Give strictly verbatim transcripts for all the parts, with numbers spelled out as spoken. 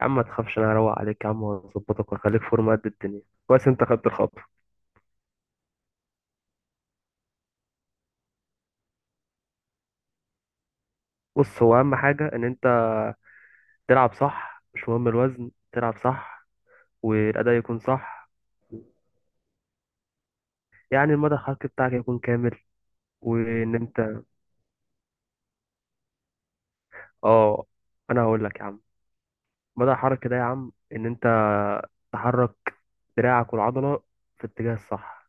يا عم، ما تخافش، انا هروق عليك يا عم، واظبطك واخليك فورمه قد الدنيا. كويس، انت خدت الخطوه. بص، هو اهم حاجه ان انت تلعب صح. مش مهم الوزن، تلعب صح، والاداء يكون صح. يعني المدى الحركي بتاعك يكون كامل، وان انت... اه، انا هقول لك يا عم. مدى الحركي ده يا عم، ان انت تحرك دراعك والعضله في الاتجاه الصح.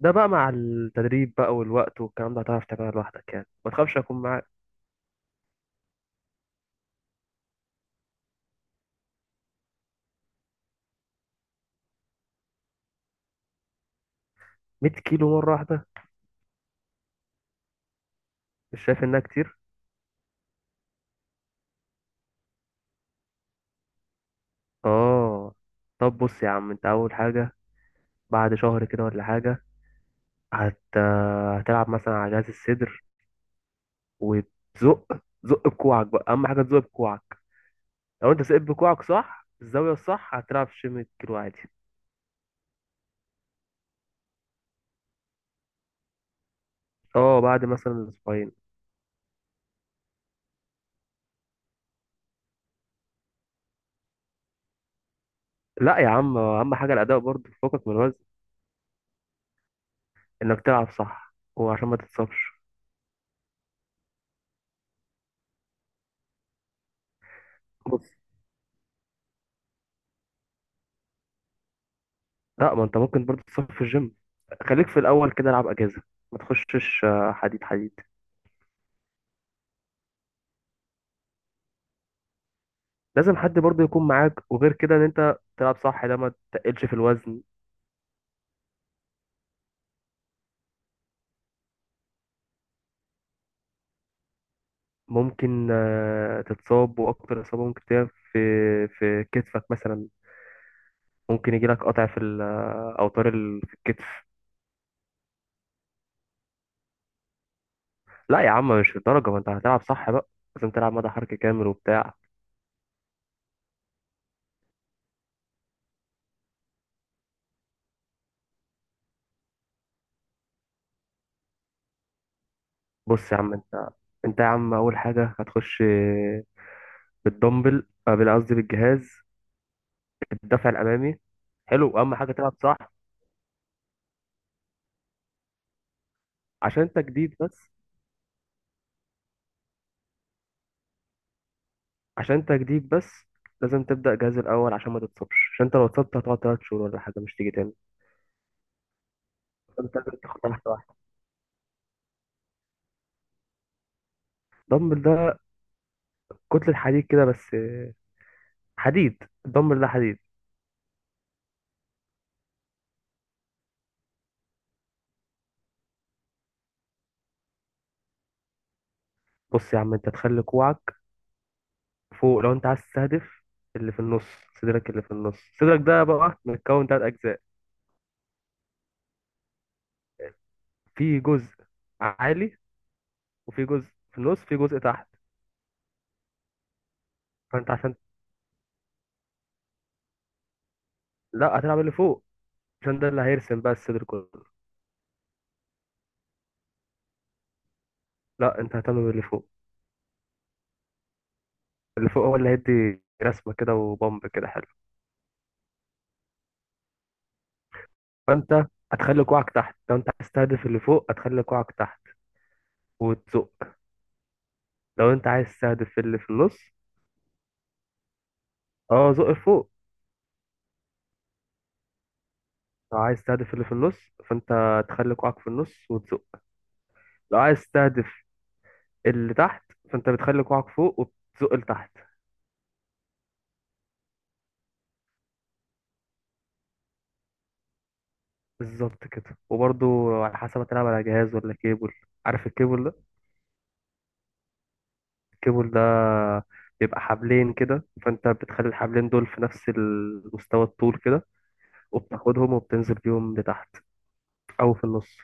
ده بقى مع التدريب بقى والوقت والكلام ده، هتعرف تعملها لوحدك يعني، ما تخافش، اكون معاك. 100 كيلو مره واحده؟ مش شايف انها كتير؟ اه. طب بص يا عم، انت اول حاجه بعد شهر كده ولا حاجه هت... هتلعب مثلا على جهاز الصدر. وتزق زق بكوعك بقى، اهم حاجه تزق بكوعك. لو انت سقيت بكوعك صح، الزاويه الصح، هتلعب شيم الكيلو عادي. اه، بعد مثلا اسبوعين. لا يا عم، اهم حاجه الاداء، برضه فوقك من الوزن. انك تلعب صح، وعشان ما تتصابش. بص. لا، ما انت ممكن برضه تتصاب في الجيم. خليك في الاول كده، العب اجازه، ما تخشش آه، حديد حديد. لازم حد برضه يكون معاك، وغير كده ان انت تلعب صح، ده ما تقلش في الوزن. ممكن آه، تتصاب، واكتر اصابه ممكن تلاقيها في في كتفك مثلا. ممكن يجي لك قطع في ال- آه، اوتار ال- في الكتف. لا يا عم، مش للدرجه، ما انت هتلعب صح بقى. لازم تلعب مدى حركه كامل وبتاع. بص يا عم، انت انت يا عم، اول حاجه هتخش آه، بالدمبل، آه، بال- قصدي بالجهاز، الدفع الامامي. حلو، اهم حاجه تلعب صح. عشان انت جديد بس. عشان تجديد بس، لازم تبدأ جهاز الأول عشان ما تتصابش، عشان انت لو اتصبت هتقعد تلات شهور ولا حاجة، مش تيجي تاني. انت لازم تاخدها واحدة واحدة. الدمبل ده كتلة حديد كده بس. حديد، الدمبل ده حديد. بص يا عم، انت تخلي كوعك فوق لو انت عايز تستهدف اللي في النص صدرك. اللي في النص صدرك ده بقى متكون تلات أجزاء. في جزء عالي، وفي جزء في النص، في جزء تحت. فانت عشان لا، هتلعب اللي فوق، عشان ده اللي هيرسم بقى الصدر كله. لا، انت هتعمل اللي فوق. اللي فوق هو اللي هيدي رسمة كده وبامب كده حلو. فانت هتخلي كوعك تحت لو انت عايز تستهدف اللي فوق، هتخلي كوعك تحت وتزق. لو انت عايز تستهدف اللي في النص. اه، زق لفوق. لو عايز تستهدف اللي في النص فانت تخلي كوعك في النص وتزق. لو عايز تستهدف اللي تحت فانت بتخلي كوعك فوق وبتزق لتحت. بالظبط كده، وبرضو على حسب هتلعب على جهاز ولا كيبل. عارف الكيبل ده؟ الكيبل ده بيبقى حبلين كده، فانت بتخلي الحبلين دول في نفس المستوى الطول كده. وبتاخدهم وبتنزل بيهم لتحت او في النص.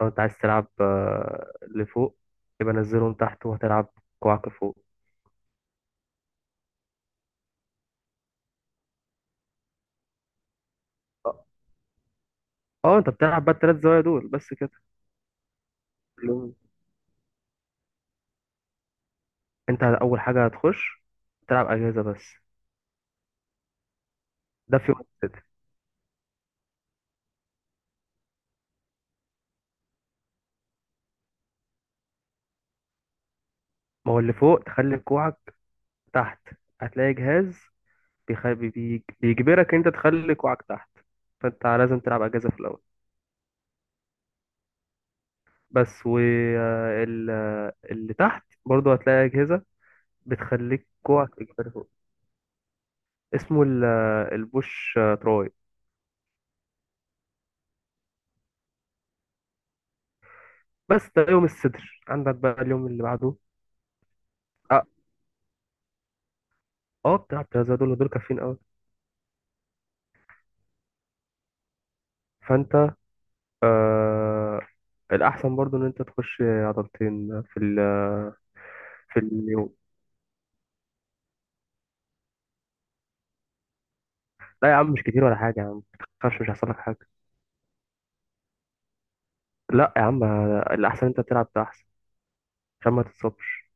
لو انت عايز تلعب آه، لفوق، يبقى نزلهم تحت وهتلعب كوعك فوق. اه. آه، انت بتلعب بقى التلات زوايا دول بس كده. كلهم. انت اول حاجة هتخش تلعب اجهزة بس. ده في وقت كده. ما هو اللي فوق تخلي كوعك تحت، هتلاقي جهاز بيخ- بي- بيجبرك انت تخلي كوعك تحت. فانت لازم تلعب اجهزة في الاول. بس واللي تحت برضو هتلاقي اجهزة بتخليك كوعك يجبرك فوق. اسمه ال- آه، البوش آه، تراي. بس ده يوم الصدر، عندك بقى اليوم اللي بعده. اه. آه، بتاع الترازا دول دول كافيين قوي. فانت آه الاحسن برضو ان انت تخش عضلتين في ال... في اليوم. لا يا عم، مش كتير ولا حاجه يا عم. متخافش، مش هيحصل لك حاجه. لا يا عم، الاحسن انت تلعب ده احسن، عشان ما تتصابش،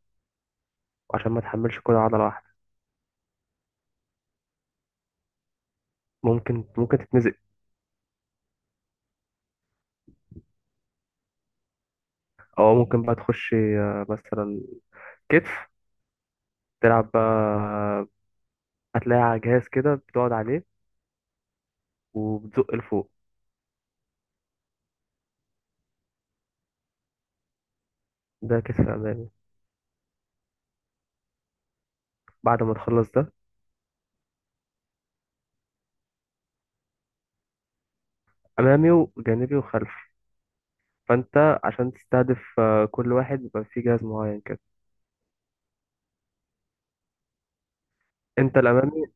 وعشان ما تحملش كل عضله واحده. ممكن ممكن تتمزق. او ممكن بقى تخش آه، مثلا كتف. تلعب بقى، هتلاقي على جهاز كده بتقعد عليه وبتزق لفوق. ده كتف امامي. بعد ما تخلص ده. امامي وجانبي وخلفي. فانت عشان تستهدف آه، كل واحد بيبقى فيه جهاز معين كده. انت الامامي،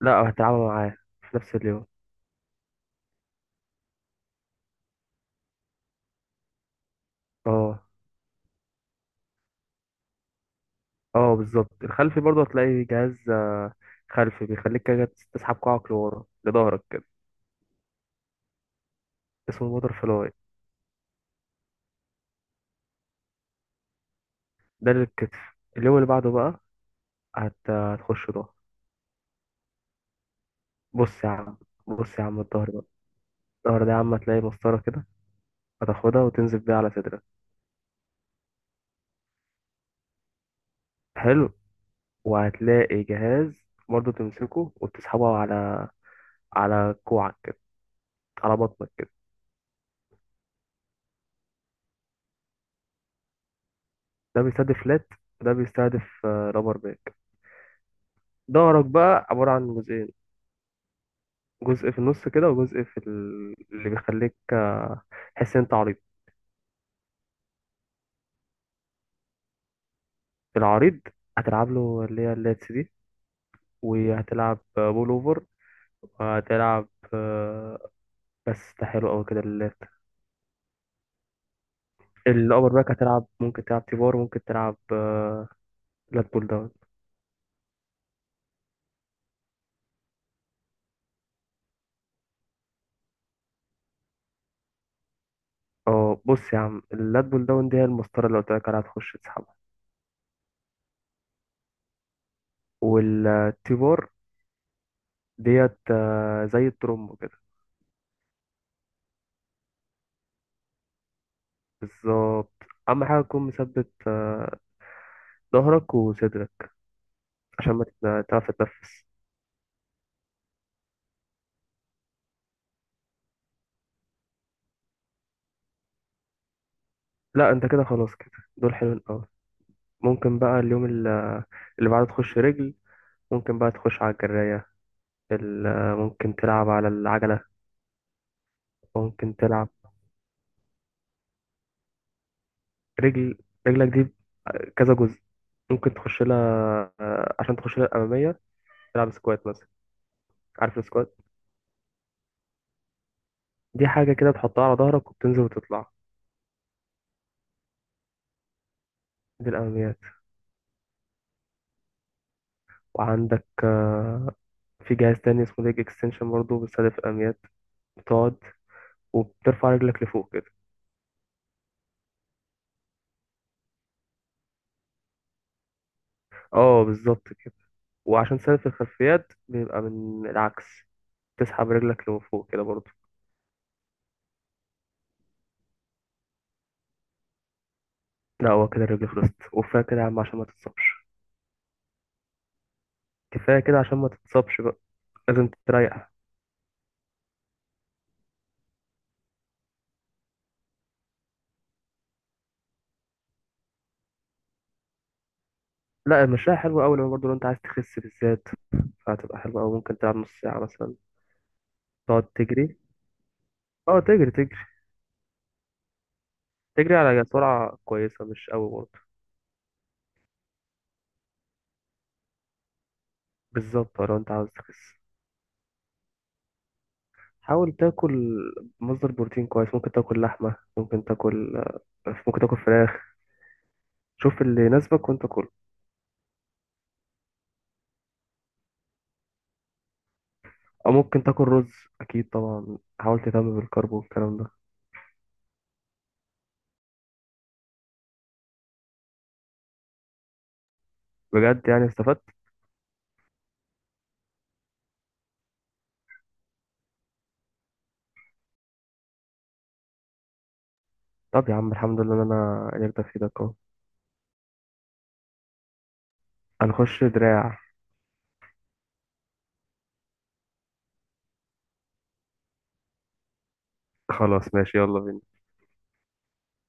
لا، هتلعبها معاه في نفس اليوم. اه. اه بالظبط. الخلفي برضه هتلاقي جهاز آه، خلفي، بيخليك كده تسحب كوعك لورا لظهرك كده. اسمه موتور فلاي. ده للكتف. اليوم اللي بعده بقى هت... هتخش ظهر. بص يا عم بص يا عم الظهر بقى. الظهر ده يا عم، هتلاقي مسطرة كده، هتاخدها وتنزل بيها على صدرك. حلو. وهتلاقي جهاز برضه تمسكه وتسحبه على على كوعك كده، على بطنك كده. ده بيستهدف لات، وده بيستهدف آه، رابر باك. ظهرك بقى عبارة عن جزئين. جزء في النص كده، وجزء في ال- اللي بيخليك آه، تحس ان انت عريض. العريض هتلعب له اللي هي اللاتس دي، وهتلعب آه، بول اوفر، وهتلعب آه، بس ده حلو قوي كده اللات. الابر باك، هتلعب ممكن تلعب تيبار، ممكن تلعب آه، لات بول داون. اه، بص يا عم، اللات بول داون دي هي المسطرة اللي قلت لك عليها، هتخش تسحبها. والتي بار ديت آه، زي الترومبو كده. بالظبط. أهم حاجة تكون مثبت آه، ظهرك وصدرك، عشان ما تت- تعرف تتنفس. لا، انت كده خلاص كده. دول حلوين أوي. ممكن بقى اليوم ال- اللي بعده تخش رجل. ممكن بقى تخش على الجراية. ال- آه، ممكن تلعب على العجلة. ممكن تلعب رجل. رجلك دي آه، كذا جزء. ممكن تخش لها، آه، عشان تخش لها الأمامية، تلعب سكوات مثلا. عارف السكوات؟ دي حاجة كده تحطها على ظهرك وبتنزل وتطلع. دي الأماميات. وعندك آه، في جهاز تاني اسمه ليج اكستنشن، برضه بيستهدف الأماميات. بتقعد وبترفع رجلك لفوق كده. اه بالظبط كده. وعشان تستهدف الخلفيات بيبقى من العكس، تسحب رجلك لفوق كده برضه. لا، هو كده الرجل خلصت، وكفاية كده يا عم عشان ما تتصابش. كفاية كده عشان ما تتصابش بقى، لازم تريح. لا، المشاية حلوة أوي، لو برضه لو أنت عايز تخس بالذات فهتبقى حلوة أوي. ممكن تلعب نص ساعة مثلا. تقعد تجري. اه، تجري تجري. تجري على سرعة كويسة، مش قوي برضه. بالظبط لو انت عاوز تخس. حاول تاكل مصدر بروتين كويس. ممكن تاكل لحمة، ممكن تاكل ممكن تاكل فراخ. شوف اللي يناسبك وانت كله. او ممكن تاكل رز. اكيد طبعا، حاول تهتم بالكرب والكلام ده. بجد، يعني استفدت. طب يا عم، الحمد لله ان انا قدرت افيدك اهو. هنخش دراع. خلاص ماشي، يلا بينا.